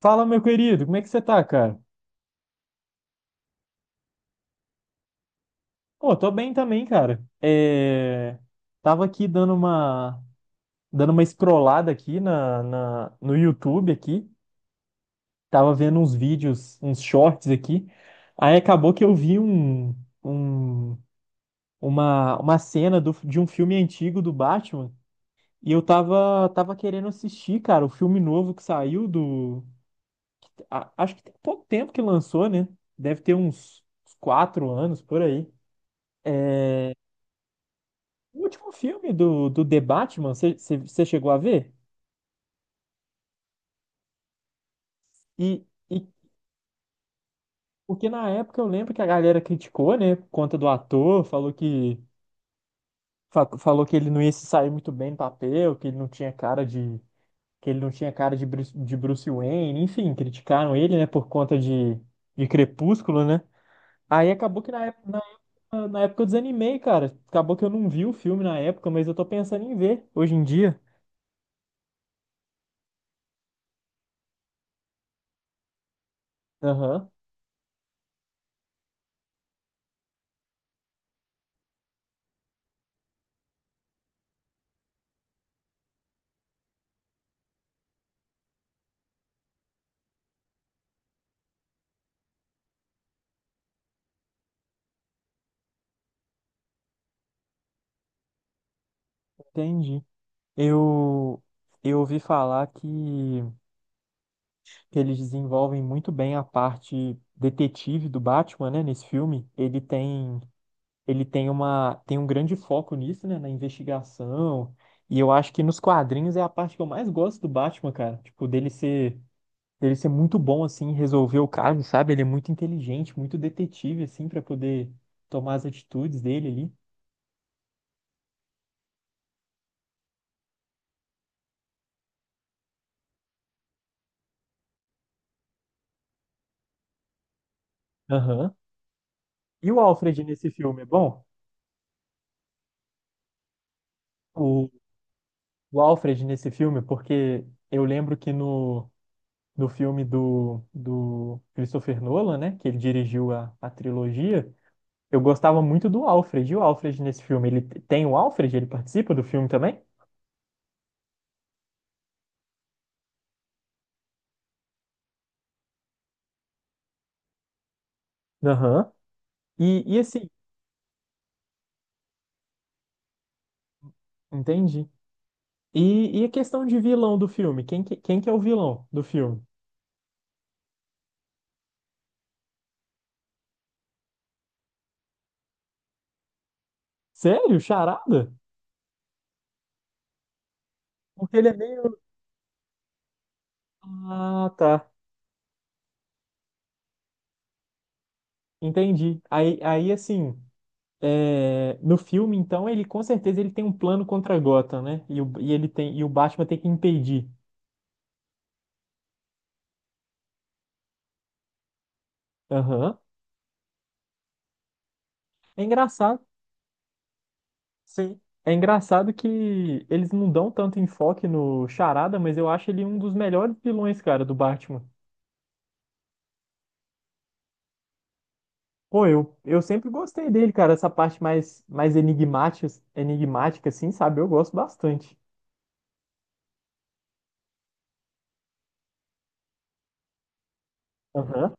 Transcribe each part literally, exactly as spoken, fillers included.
Fala, meu querido, como é que você tá, cara? Pô, tô bem também, cara. É... Tava aqui dando uma dando uma scrollada aqui na, na... no YouTube aqui. Tava vendo uns vídeos, uns shorts aqui. Aí acabou que eu vi um, um... Uma... uma cena do... de um filme antigo do Batman. E eu tava, tava querendo assistir, cara, o filme novo que saiu do. a- Acho que tem pouco tempo que lançou, né? Deve ter uns uns quatro anos por aí. É, O último filme do, do The Batman, você chegou a ver? E, e porque na época eu lembro que a galera criticou, né, por conta do ator, falou que fa- falou que ele não ia se sair muito bem no papel, que ele não tinha cara de que ele não tinha cara de Bruce, de Bruce Wayne, enfim, criticaram ele, né, por conta de, de Crepúsculo, né? Aí acabou que na época, na, na época eu desanimei, cara. Acabou que eu não vi o filme na época, mas eu tô pensando em ver hoje em dia. Aham, entendi. Eu, eu ouvi falar que, que eles desenvolvem muito bem a parte detetive do Batman, né, nesse filme. Ele tem, ele tem uma, tem um grande foco nisso, né, na investigação. E eu acho que nos quadrinhos é a parte que eu mais gosto do Batman, cara. Tipo, dele ser, dele ser muito bom, assim, em resolver o caso, sabe? Ele é muito inteligente, muito detetive, assim, para poder tomar as atitudes dele ali. Aham. E o Alfred nesse filme é bom? O Alfred nesse filme, porque eu lembro que no, no filme do, do Christopher Nolan, né, que ele dirigiu a, a trilogia, eu gostava muito do Alfred. E o Alfred nesse filme, ele t- tem o Alfred? Ele participa do filme também? Aham. E, e assim, entendi. E, e a questão de vilão do filme? Quem que, quem que é o vilão do filme? Sério? Charada? Porque ele é meio. Ah, tá. Entendi. Aí, aí assim. é, no filme, então, ele com certeza ele tem um plano contra Gotham, né? E o, e ele tem, e o Batman tem que impedir. Aham. É engraçado, sim. É engraçado que eles não dão tanto enfoque no Charada, mas eu acho ele um dos melhores vilões, cara, do Batman. Pô, eu, eu sempre gostei dele, cara, essa parte mais, mais enigmática, enigmática, assim, sabe? Eu gosto bastante. Aham.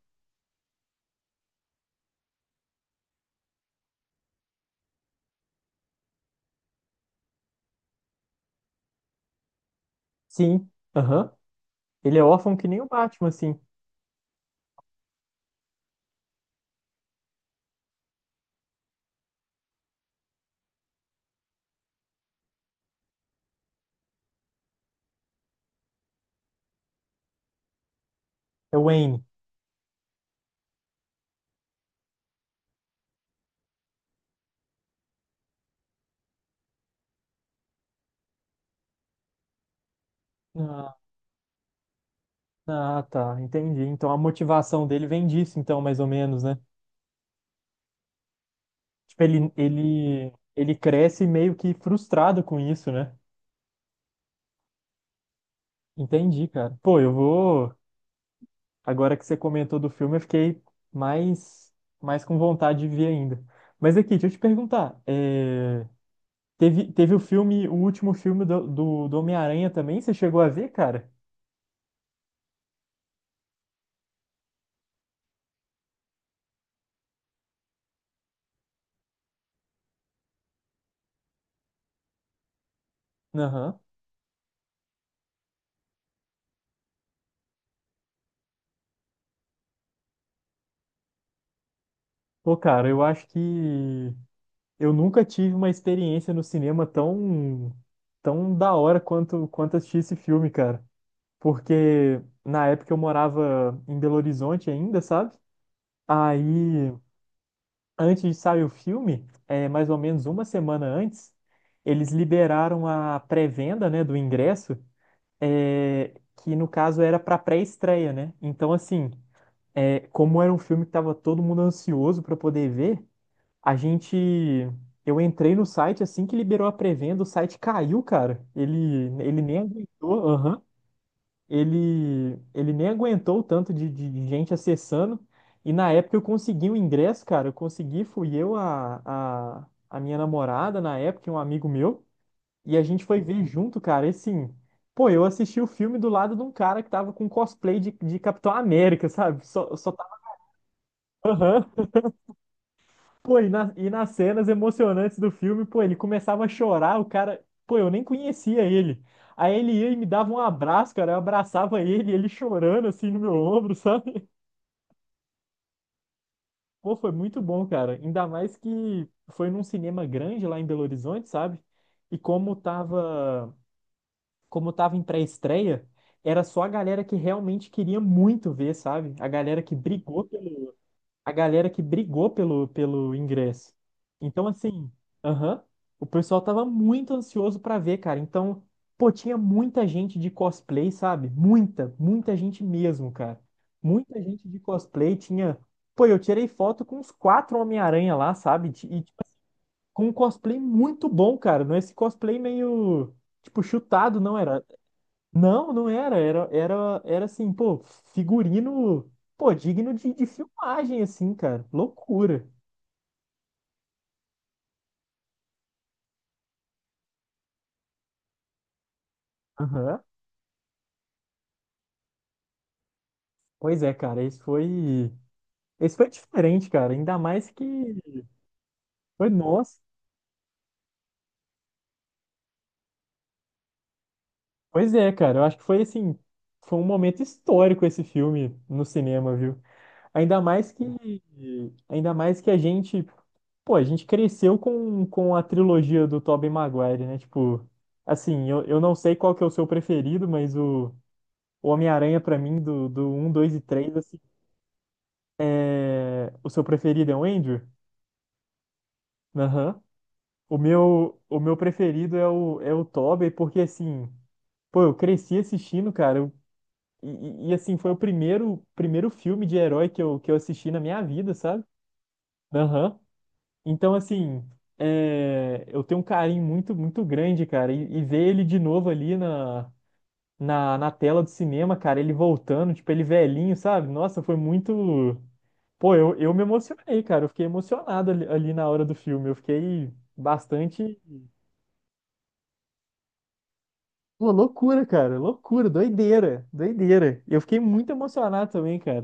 Sim. Aham. Ele é órfão que nem o Batman, assim. É o Wayne. Ah, tá, entendi. Então a motivação dele vem disso, então, mais ou menos, né? Tipo, ele, ele, ele cresce meio que frustrado com isso, né? Entendi, cara. Pô, eu vou. Agora que você comentou do filme, eu fiquei mais, mais com vontade de ver ainda. Mas aqui, deixa eu te perguntar. é, Teve, teve o filme, o último filme do, do, do Homem-Aranha também? Você chegou a ver, cara? Aham. Pô, cara, eu acho que. Eu nunca tive uma experiência no cinema tão, tão da hora quanto, quanto assistir esse filme, cara. Porque na época eu morava em Belo Horizonte ainda, sabe? Aí, antes de sair o filme, é, mais ou menos uma semana antes, eles liberaram a pré-venda, né, do ingresso, é, que no caso era para pré-estreia, né? Então, assim, é, como era um filme que tava todo mundo ansioso para poder ver. A gente. Eu entrei no site assim que liberou a pré-venda, o site caiu, cara. Ele, ele nem aguentou, aham. Ele, ele nem aguentou o tanto de, de de gente acessando. E na época eu consegui o ingresso, cara. Eu consegui, fui eu, a, a, a minha namorada na época, e um amigo meu. E a gente foi ver junto, cara. E assim, pô, eu assisti o filme do lado de um cara que tava com cosplay de, de Capitão América, sabe? Só, só Pô, e, na- e nas cenas emocionantes do filme, pô, ele começava a chorar, o cara, pô, eu nem conhecia ele. Aí ele ia e me dava um abraço, cara, eu abraçava ele, ele chorando assim no meu ombro, sabe? Pô, foi muito bom, cara. Ainda mais que foi num cinema grande lá em Belo Horizonte, sabe? E como tava, como tava em pré-estreia, era só a galera que realmente queria muito ver, sabe? A galera que brigou pelo a galera que brigou pelo, pelo ingresso. Então, assim, aham, o pessoal tava muito ansioso pra ver, cara. Então, pô, tinha muita gente de cosplay, sabe? Muita, muita gente mesmo, cara. Muita gente de cosplay tinha. Pô, eu tirei foto com uns quatro Homem-Aranha lá, sabe? E tipo, com um cosplay muito bom, cara. Não é esse cosplay meio, tipo, chutado, não. Era, não, não era. Era, era, era assim, pô, figurino, pô, digno de, de filmagem, assim, cara. Loucura. Aham. Pois é, cara, esse foi. Esse foi diferente, cara. Ainda mais que. Foi nossa. Pois é, cara. Eu acho que foi assim. Foi um momento histórico esse filme no cinema, viu? Ainda mais que. Ainda mais que a gente. Pô, a gente cresceu com, com a trilogia do Tobey Maguire, né? Tipo, assim, eu, eu não sei qual que é o seu preferido, mas o. O Homem-Aranha, pra mim, do, do um dois e três assim, é- o seu preferido é o Andrew? Aham. O meu, o meu preferido é o, é o Tobey, porque, assim, pô, eu cresci assistindo, cara, eu- e, e, e, assim, foi o primeiro, primeiro filme de herói que eu, que eu assisti na minha vida, sabe? Aham. Então, assim, é, eu tenho um carinho muito, muito grande, cara, e, e ver ele de novo ali na, na, na tela do cinema, cara, ele voltando, tipo, ele velhinho, sabe? Nossa, foi muito. Pô, eu, eu me emocionei, cara. Eu fiquei emocionado ali, ali na hora do filme. Eu fiquei bastante. Pô, loucura, cara. Loucura, doideira, doideira. Eu fiquei muito emocionado também, cara.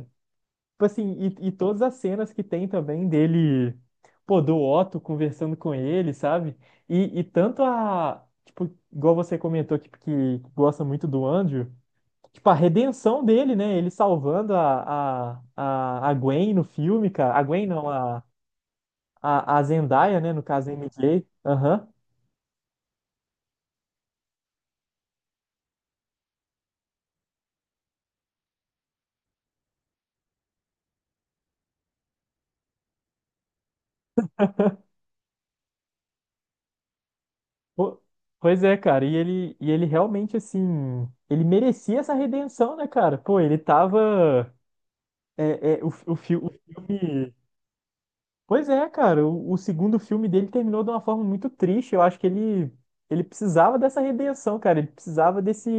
Tipo assim, e, e todas as cenas que tem também dele, pô, do Otto conversando com ele, sabe? E, e tanto a. Tipo, igual você comentou que, que gosta muito do Andrew. Tipo, a redenção dele, né? Ele salvando a, a, a, a Gwen no filme, cara. A Gwen não, a, a, a Zendaya, né? No caso, a M J. Aham. Po- Pois é, cara. E ele, e ele realmente, assim... Ele merecia essa redenção, né, cara? Pô, ele tava... É, é, o, o, fi- o filme... Pois é, cara. O, o segundo filme dele terminou de uma forma muito triste. Eu acho que ele, ele precisava dessa redenção, cara. Ele precisava desse,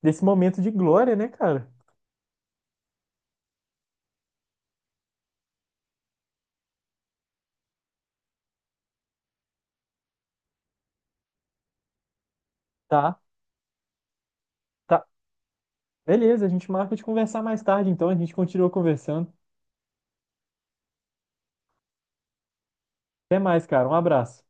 desse momento de glória, né, cara? Tá. Tá, beleza, a gente marca de conversar mais tarde, então a gente continua conversando. Até mais, cara. Um abraço.